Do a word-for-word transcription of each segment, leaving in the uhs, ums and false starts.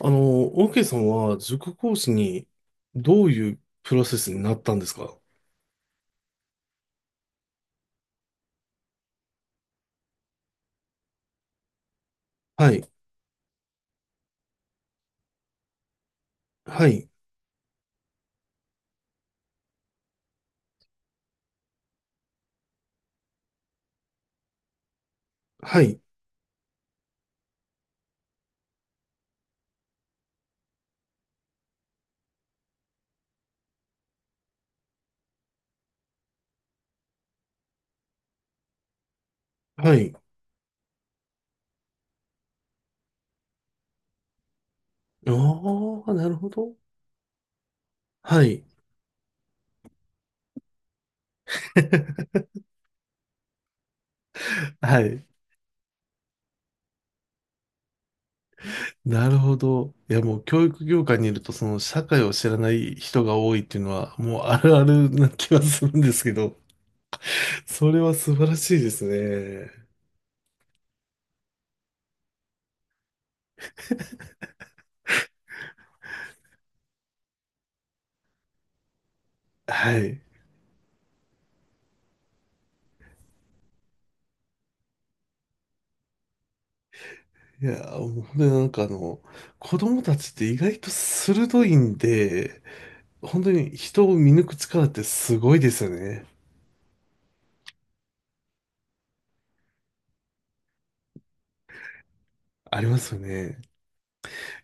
あの、オーケーさんは塾講師にどういうプロセスになったんですか？はい、はい、はい、はい。ああ、なるほど。はい。はい。なるほど。いや、もう教育業界にいると、その社会を知らない人が多いっていうのは、もうあるあるな気はするんですけど、それは素晴らしいですね。はい。いや、もう本当になんかあの、子供たちって意外と鋭いんで、本当に人を見抜く力ってすごいですよね。ありますよね。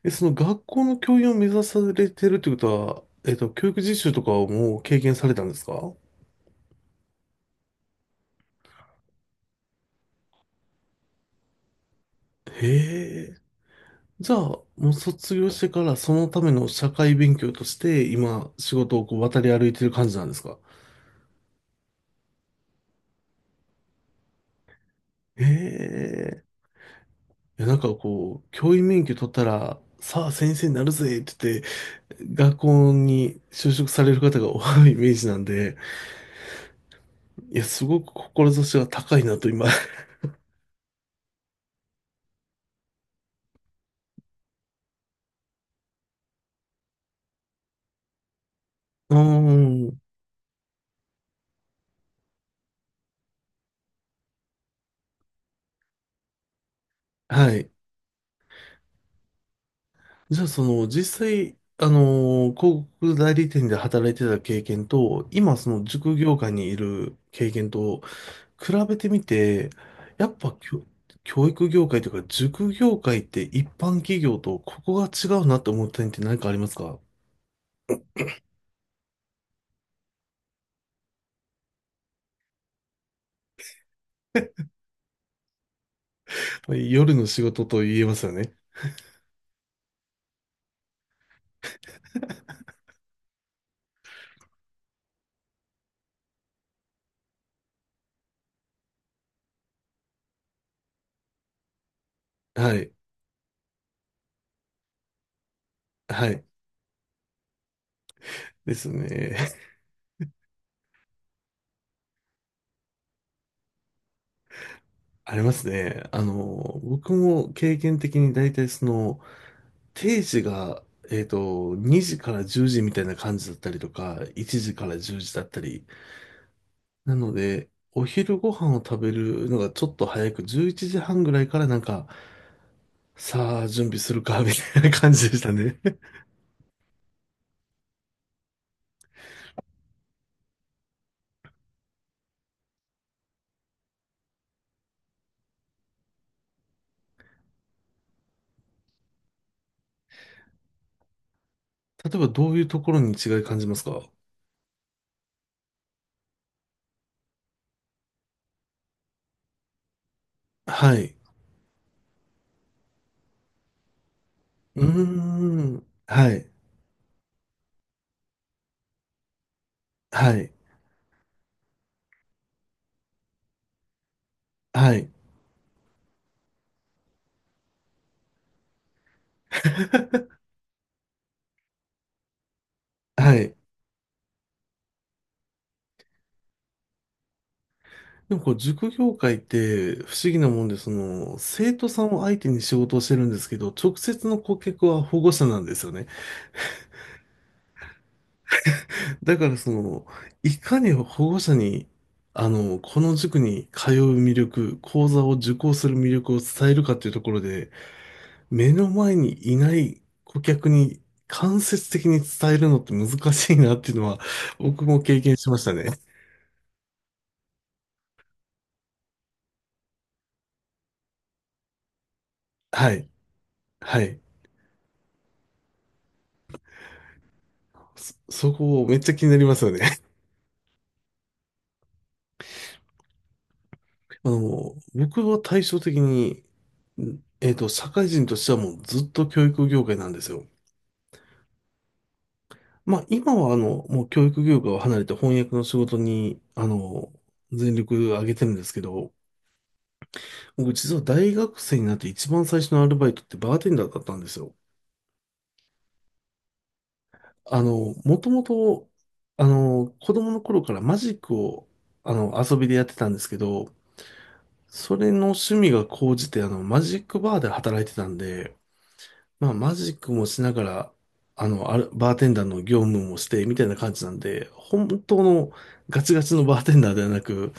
え、その学校の教員を目指されてるってことは、えっと、教育実習とかをもう経験されたんですか？へえ。じゃあ、もう卒業してからそのための社会勉強として今仕事をこう渡り歩いてる感じなんですか？へえ。いや、なんかこう、教員免許取ったら、さあ先生になるぜって言って、学校に就職される方が多いイメージなんで、いや、すごく志が高いなと今。うーん。はい。じゃあ、その、実際、あのー広告代理店で働いてた経験と、今、その、塾業界にいる経験と、比べてみて、やっぱ教、きょ教育業界というか、塾業界って一般企業と、ここが違うなって思った点って何かありますか？夜の仕事と言えますよね。はい。はい。ですね。ありますね。あの僕も経験的に大体その、定時が、えっと、にじからじゅうじみたいな感じだったりとか、いちじからじゅうじだったり。なので、お昼ご飯を食べるのがちょっと早く、じゅういちじはんぐらいからなんか、さあ、準備するか、みたいな感じでしたね。例えばどういうところに違い感じますか？はい。うーん。はい。はい。はい。はい。でもこう、塾業界って不思議なもんで、その、生徒さんを相手に仕事をしてるんですけど、直接の顧客は保護者なんですよね。だからその、いかに保護者に、あの、この塾に通う魅力、講座を受講する魅力を伝えるかっていうところで、目の前にいない顧客に間接的に伝えるのって難しいなっていうのは、僕も経験しましたね。はい。はい。そ、そこめっちゃ気になりますよね。あの、僕は対照的に、んえっと、社会人としてはもうずっと教育業界なんですよ。まあ、今は、あの、もう教育業界を離れて翻訳の仕事に、あの、全力を挙げてるんですけど、僕実は大学生になって一番最初のアルバイトってバーテンダーだったんですよ。あの、もともと、あの、子供の頃からマジックを、あの、遊びでやってたんですけど、それの趣味が高じて、あの、マジックバーで働いてたんで、まあ、マジックもしながら、あの、ある、バーテンダーの業務もして、みたいな感じなんで、本当のガチガチのバーテンダーではなく、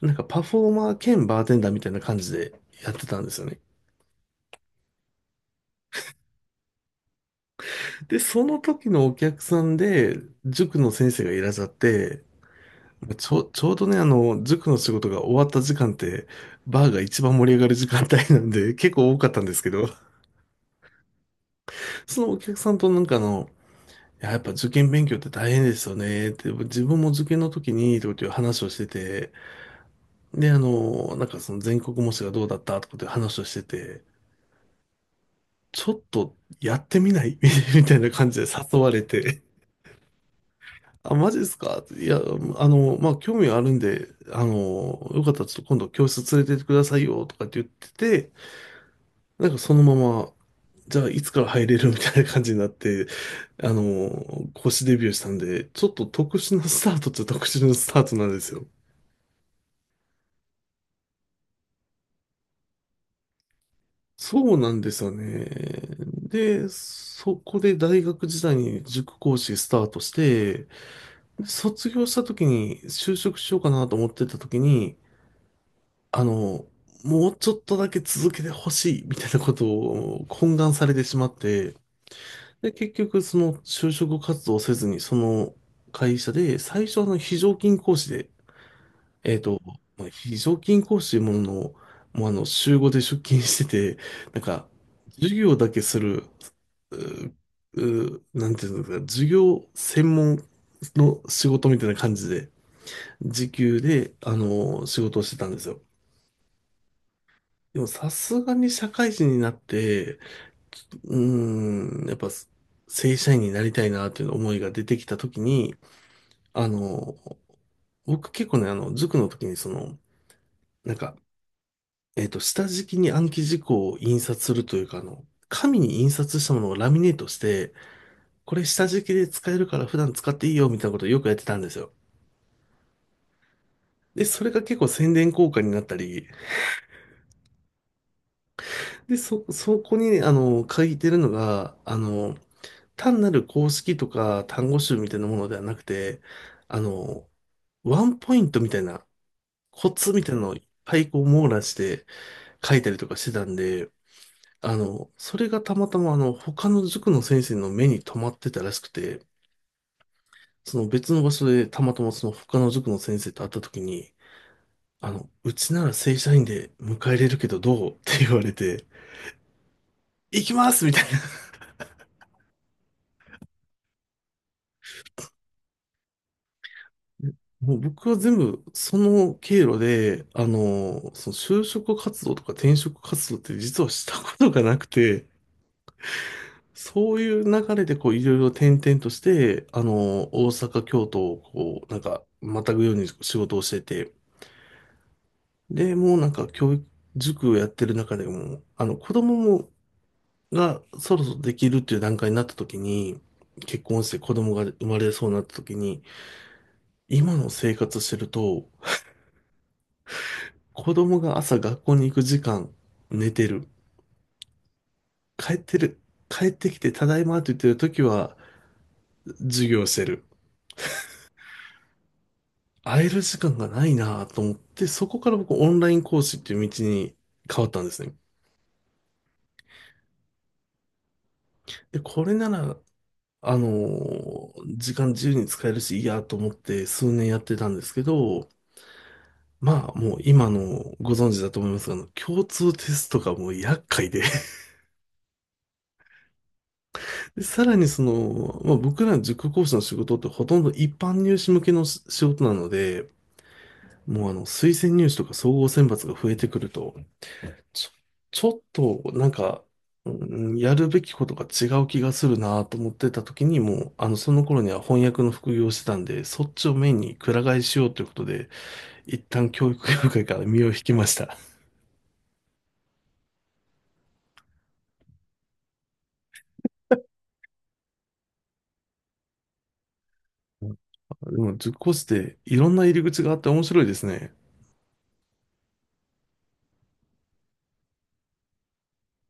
なんかパフォーマー兼バーテンダーみたいな感じでやってたんですよね。で、その時のお客さんで、塾の先生がいらっしゃって、ちょ、ちょうどね、あの、塾の仕事が終わった時間って、バーが一番盛り上がる時間帯なんで、結構多かったんですけど、そのお客さんとなんかあの、いや、やっぱ受験勉強って大変ですよね。って自分も受験の時にとかっていう話をしてて、で、あの、なんかその全国模試がどうだったとかっていう話をしてて、ちょっとやってみない みたいな感じで誘われて、あ、マジですかっていや、あの、まあ、興味はあるんで、あの、よかったらちょっと今度教室連れてってくださいよとかって言ってて、なんかそのままじゃあ、いつから入れるみたいな感じになって、あの、公式デビューしたんで、ちょっと特殊なスタートっちゃ特殊なスタートなんですよ。そうなんですよね。で、そこで大学時代に塾講師スタートして、卒業した時に就職しようかなと思ってた時に、あの、もうちょっとだけ続けてほしいみたいなことを懇願されてしまって、で、結局、その就職活動をせずに、その会社で、最初、あの、非常勤講師で、えっと、まあ、非常勤講師というものの、もうあの、週ごで出勤してて、なんか、授業だけする、う、う、なんていうんですか、授業専門の仕事みたいな感じで、時給で、あの、仕事をしてたんですよ。でも、さすがに社会人になって、うーん、やっぱ正社員になりたいなという思いが出てきたときに、あの、僕結構ね、あの、塾の時にその、なんか、えっと、下敷きに暗記事項を印刷するというか、あの、紙に印刷したものをラミネートして、これ下敷きで使えるから普段使っていいよみたいなことをよくやってたんですよ。で、それが結構宣伝効果になったり、で、そ、そこにね、あの、書いてるのが、あの、単なる公式とか単語集みたいなものではなくて、あの、ワンポイントみたいな、コツみたいなのをいっぱいこう網羅して書いたりとかしてたんで、あの、それがたまたまあの、他の塾の先生の目に留まってたらしくて、その別の場所でたまたまその他の塾の先生と会った時に、あの、うちなら正社員で迎え入れるけどどうって言われて、行きますみたいな。もう僕は全部その経路で、あの、その就職活動とか転職活動って実はしたことがなくて、そういう流れでこういろいろ転々として、あの、大阪、京都をこう、なんか、またぐように仕事をしてて、で、もうなんか教育、塾をやってる中でも、あの、子供も、がそろそろできるっていう段階になった時に、結婚して子供が生まれそうになった時に、今の生活してると、子供が朝学校に行く時間、寝てる。帰ってる。帰ってきて、ただいまって言ってる時は、授業してる。会える時間がないなと思って、そこから僕オンライン講師っていう道に変わったんですね。で、これなら、あのー時間自由に使えるし、いいやと思って数年やってたんですけど、まあもう今のご存知だと思いますが、あの共通テストがもう厄介で で、さらにその、まあ、僕らの塾講師の仕事ってほとんど一般入試向けの仕仕事なので、もうあの推薦入試とか総合選抜が増えてくると、ちょ、ちょっと、なんか、うんやるべきことが違う気がするなと思ってた時に、もう、あの、その頃には翻訳の副業をしてたんで、そっちをメインにくら替えしようということで、一旦教育業界から身を引きました。でも、塾講師っていろんな入り口があって面白いですね。